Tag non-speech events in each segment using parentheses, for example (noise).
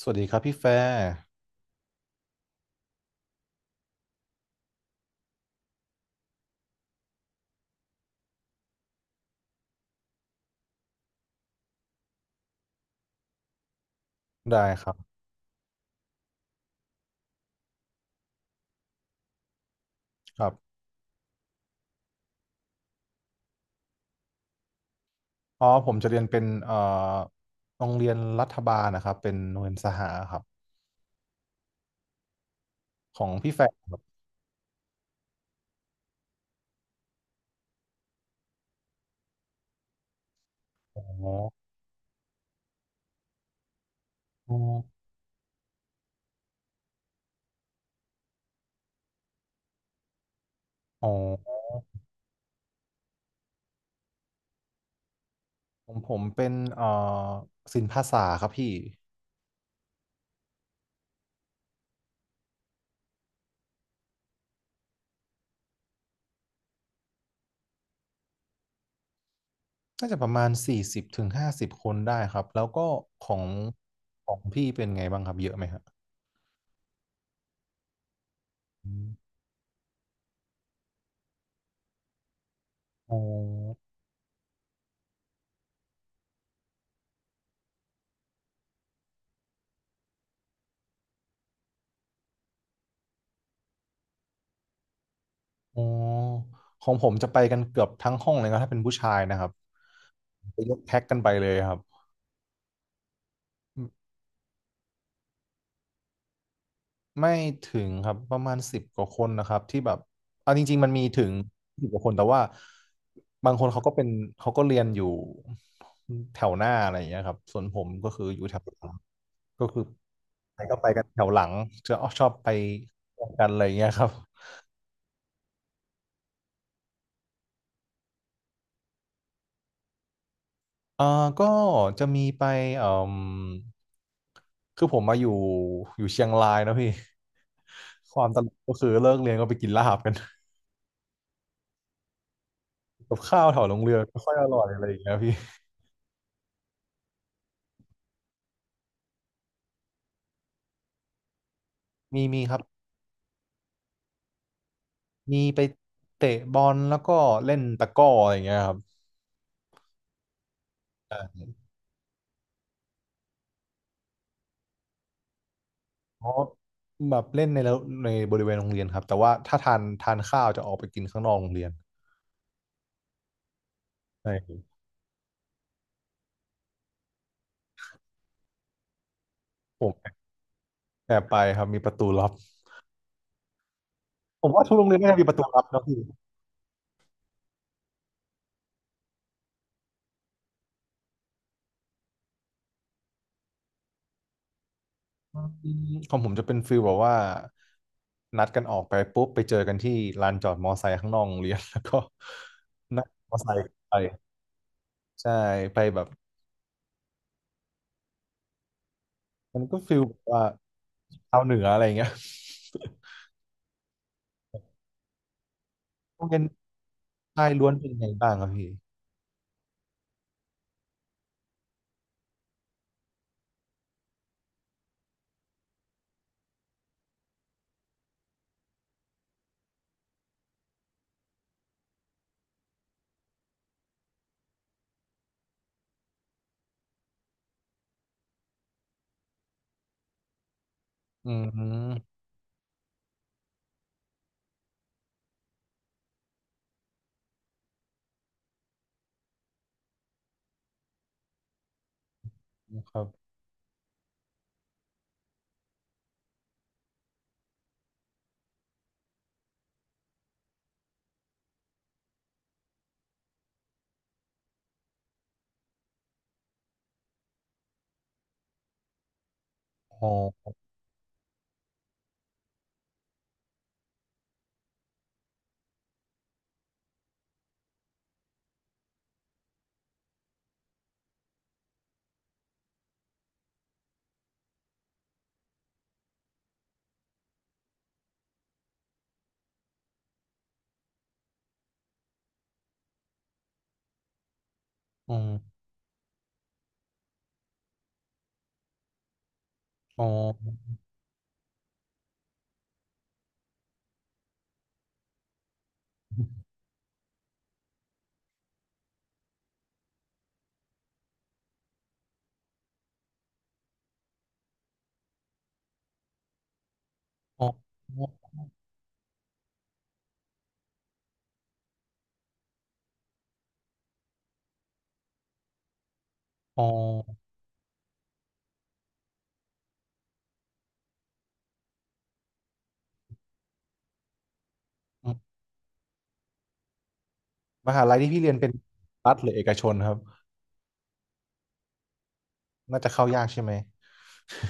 สวัสดีครับพี่แฟร์ได้ครับครับอ๋อผมจะเรียนเป็นโรงเรียนรัฐบาลนะครับเป็นโรงเรียนสหครับของพี่แฟร์ครับอ๋ออ๋ออ๋อของผมเป็นศิลปภาษาครับพี่น่าจะประมาณ40 ถึง 50 คนได้ครับแล้วก็ของของพี่เป็นไงบ้างครับเยอะไหมครับอมอ๋ออ๋อของผมจะไปกันเกือบทั้งห้องเลยนะถ้าเป็นผู้ชายนะครับไปยกแพ็กกันไปเลยครับ ไม่ถึงครับประมาณ10 กว่าคนนะครับที่แบบเอาจริงๆมันมีถึงสิบกว่าคนแต่ว่าบางคนเขาก็เรียนอยู่แถวหน้าอะไรอย่างเงี้ยครับส่วนผมก็คืออยู่แถวหลังก็คือไปก็ไปกันแถวหลังจะชอบไปกันอะไรอย่างเงี้ยครับเอ่อก็จะมีไปเอ่มคือผมมาอยู่เชียงรายนะพี่ความตลกก็คือเลิกเรียนก็ไปกินลาบกันกับข้าวแถวโรงเรียนไม่ค่อยอร่อยอะไรอย่างเงี้ยพี่มีครับ มีไปเตะบอลแล้วก็เล่นตะกร้ออะไรอย่างเงี้ยครับอ่าเพราะแบบเล่นในแล้วในบริเวณโรงเรียนครับแต่ว่าถ้าทานข้าวจะออกไปกินข้างนอกโรงเรียนใช่ผมแอบไปครับมีประตูลับผมว่าทุกโรงเรียนน่าจะมีประตูลับเนอะพี่อืของผมจะเป็นฟิลแบบว่านัดกันออกไปปุ๊บไปเจอกันที่ลานจอดมอไซค์ข้างนอกโรงเรียน (laughs) แล้วก็นั่งมอไซค์ไปใช่ไปแบบมันก็ฟิลแบบว่าชาวเหนืออะไรอย่างเงี้ย (laughs) โรงเรียน ชายล้วนเป็นไงบ้างครับพี่อืมครับอ๋ออืมอ๋ออ๋ออ๋ออืมมหาลัยที่พี่เรียนเป็นรัฐหรือเอกชนครับน่าจะเข้ายากใช่ไหม (laughs)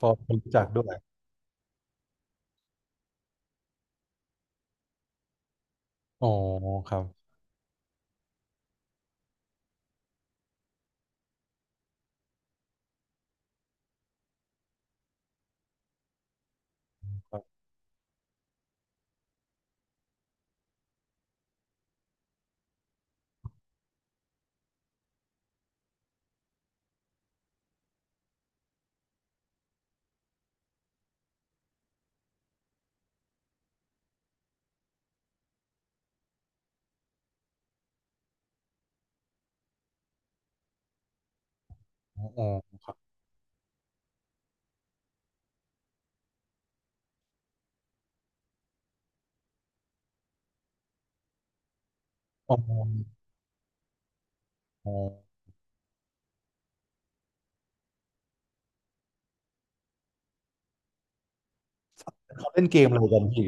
พอคนรู้จักด้วยอ๋อครับครับอ๋ออ๋ออ๋อเขาเล่นเกมอะไรกันพี่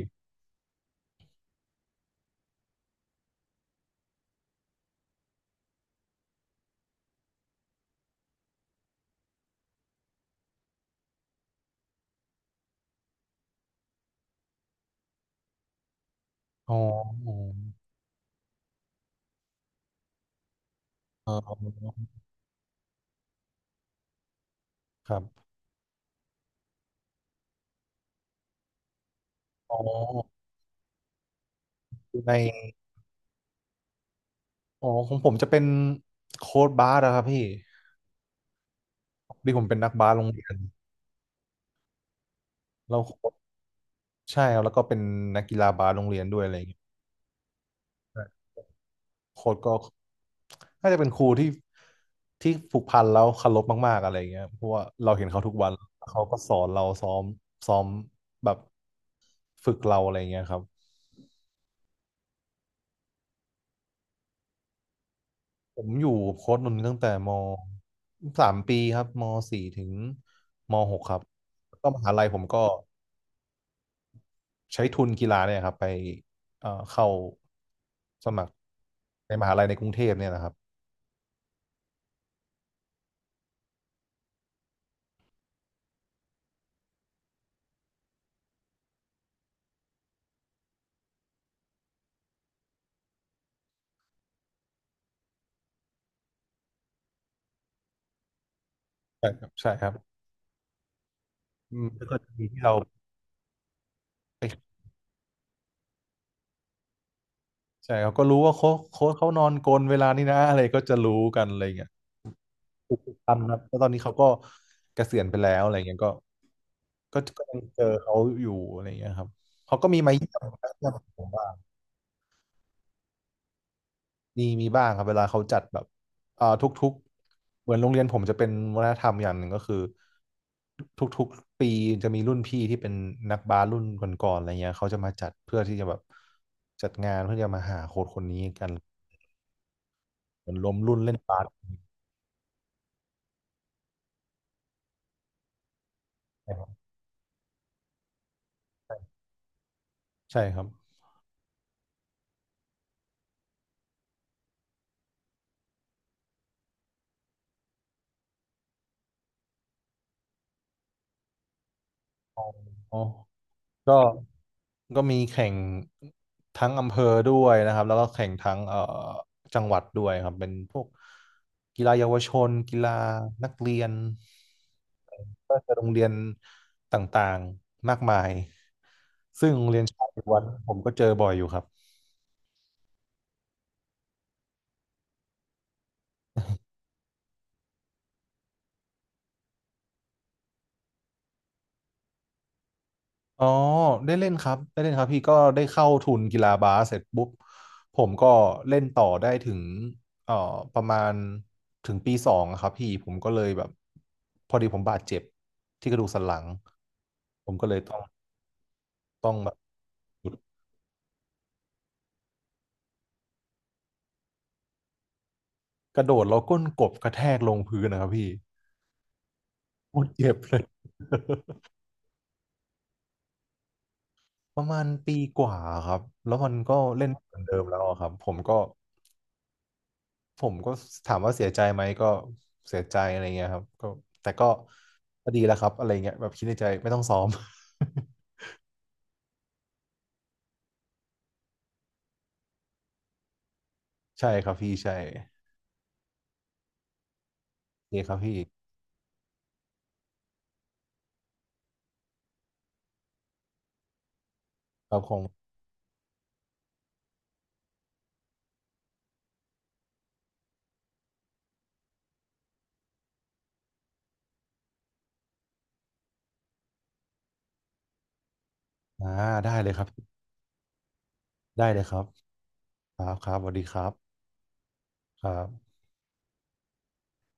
อ๋ออ๋ออ๋อครับอ๋ออยู่ในอ๋อของผมจะเป็นโค้ดบาสอะครับพี่พอดีผมเป็นนักบาสโรงเรียนเรา ใช่ครับแล้วก็เป็นนักกีฬาบาสโรงเรียนด้วยอะไรอย่างเงี้ยโค้ชก็น่าจะเป็นครูที่ผูกพันแล้วเคารพมากๆอะไรอย่างเงี้ยเพราะว่าเราเห็นเขาทุกวันเขาก็สอนเราซ้อมแบบฝึกเราอะไรอย่างเงี้ยครับผมอยู่โค้ชนนท์ตั้งแต่มสามปีครับมสี่ถึงมหกครับก็มหาลัยผมก็ใช้ทุนกีฬาเนี่ยครับไปเข้าสมัครในมหาลัยในกรุงเทพเนี่ยนะครับใช่ครับใช่ครับ แล้วก็จะมีที่เราไปใช่เขาก็รู้ว่าโค้ชเขานอนกลนเวลานี้นะอะไรก็จะรู้กันอะไรเงี้ยทุกๆท่านครับแล้วตอนนี้เขาก็เกษียณไปแล้วอะไรเงี้ยก็ยังเจอเขาอยู่อะไรเงี้ยครับเขาก็มีมาเยี่ยมผมบ้างมีบ้างครับเวลาเขาจัดแบบทุกๆเหมือนโรงเรียนผมจะเป็นวัฒนธรรมอย่างหนึ่งก็คือทุกๆปีจะมีรุ่นพี่ที่เป็นนักบาสรุ่นก่อนๆอะไรเงี้ยเขาจะมาจัดเพื่อที่จะแบบจัดงานเพื่อจะมาหาโค้ชคนนี้กันเหมือนรวมรุ่นเล่นบาส ใช่ครับใช่ครับอ๋ออ๋อก็ก็มีแข่งทั้งอำเภอด้วยนะครับ แล้วก็แข่งทั้งจังหวัดด้วยครับ เป็นพวกกีฬาเยาวชนกีฬานักเรียนก็จะโรงเรียนต่างๆ มากมาย ซึ่งโรงเรียนชายล้วนผมก็เจอบ่อยอยู่ครับ อ๋อได้เล่นครับได้เล่นครับพี่ก็ได้เข้าทุนกีฬาบาสเสร็จปุ๊บผมก็เล่นต่อได้ถึงเอ่อประมาณถึงปีสองอะครับพี่ผมก็เลยแบบพอดีผมบาดเจ็บที่กระดูกสันหลังผมก็เลยต้องแบบหยุดกระโดดแล้วก้นกบกระแทกลงพื้นนะครับพี่โคตรเจ็บเลย (laughs) ประมาณปีกว่าครับแล้วมันก็เล่นไม่เหมือนเดิมแล้วอะครับผมก็ ผมก็ถามว่าเสียใจไหมก็เสียใจอะไรเงี้ยครับก็แต่ก็ดีแล้วครับอะไรเงี้ยแบบคิดในใจไม่ต้องซ้อม (laughs) ใช่ครับพี่ใช่โอเคครับพี่ครับคงอ่าได้เลยครับได้เลยครับครับครับสวัสดีครับครับ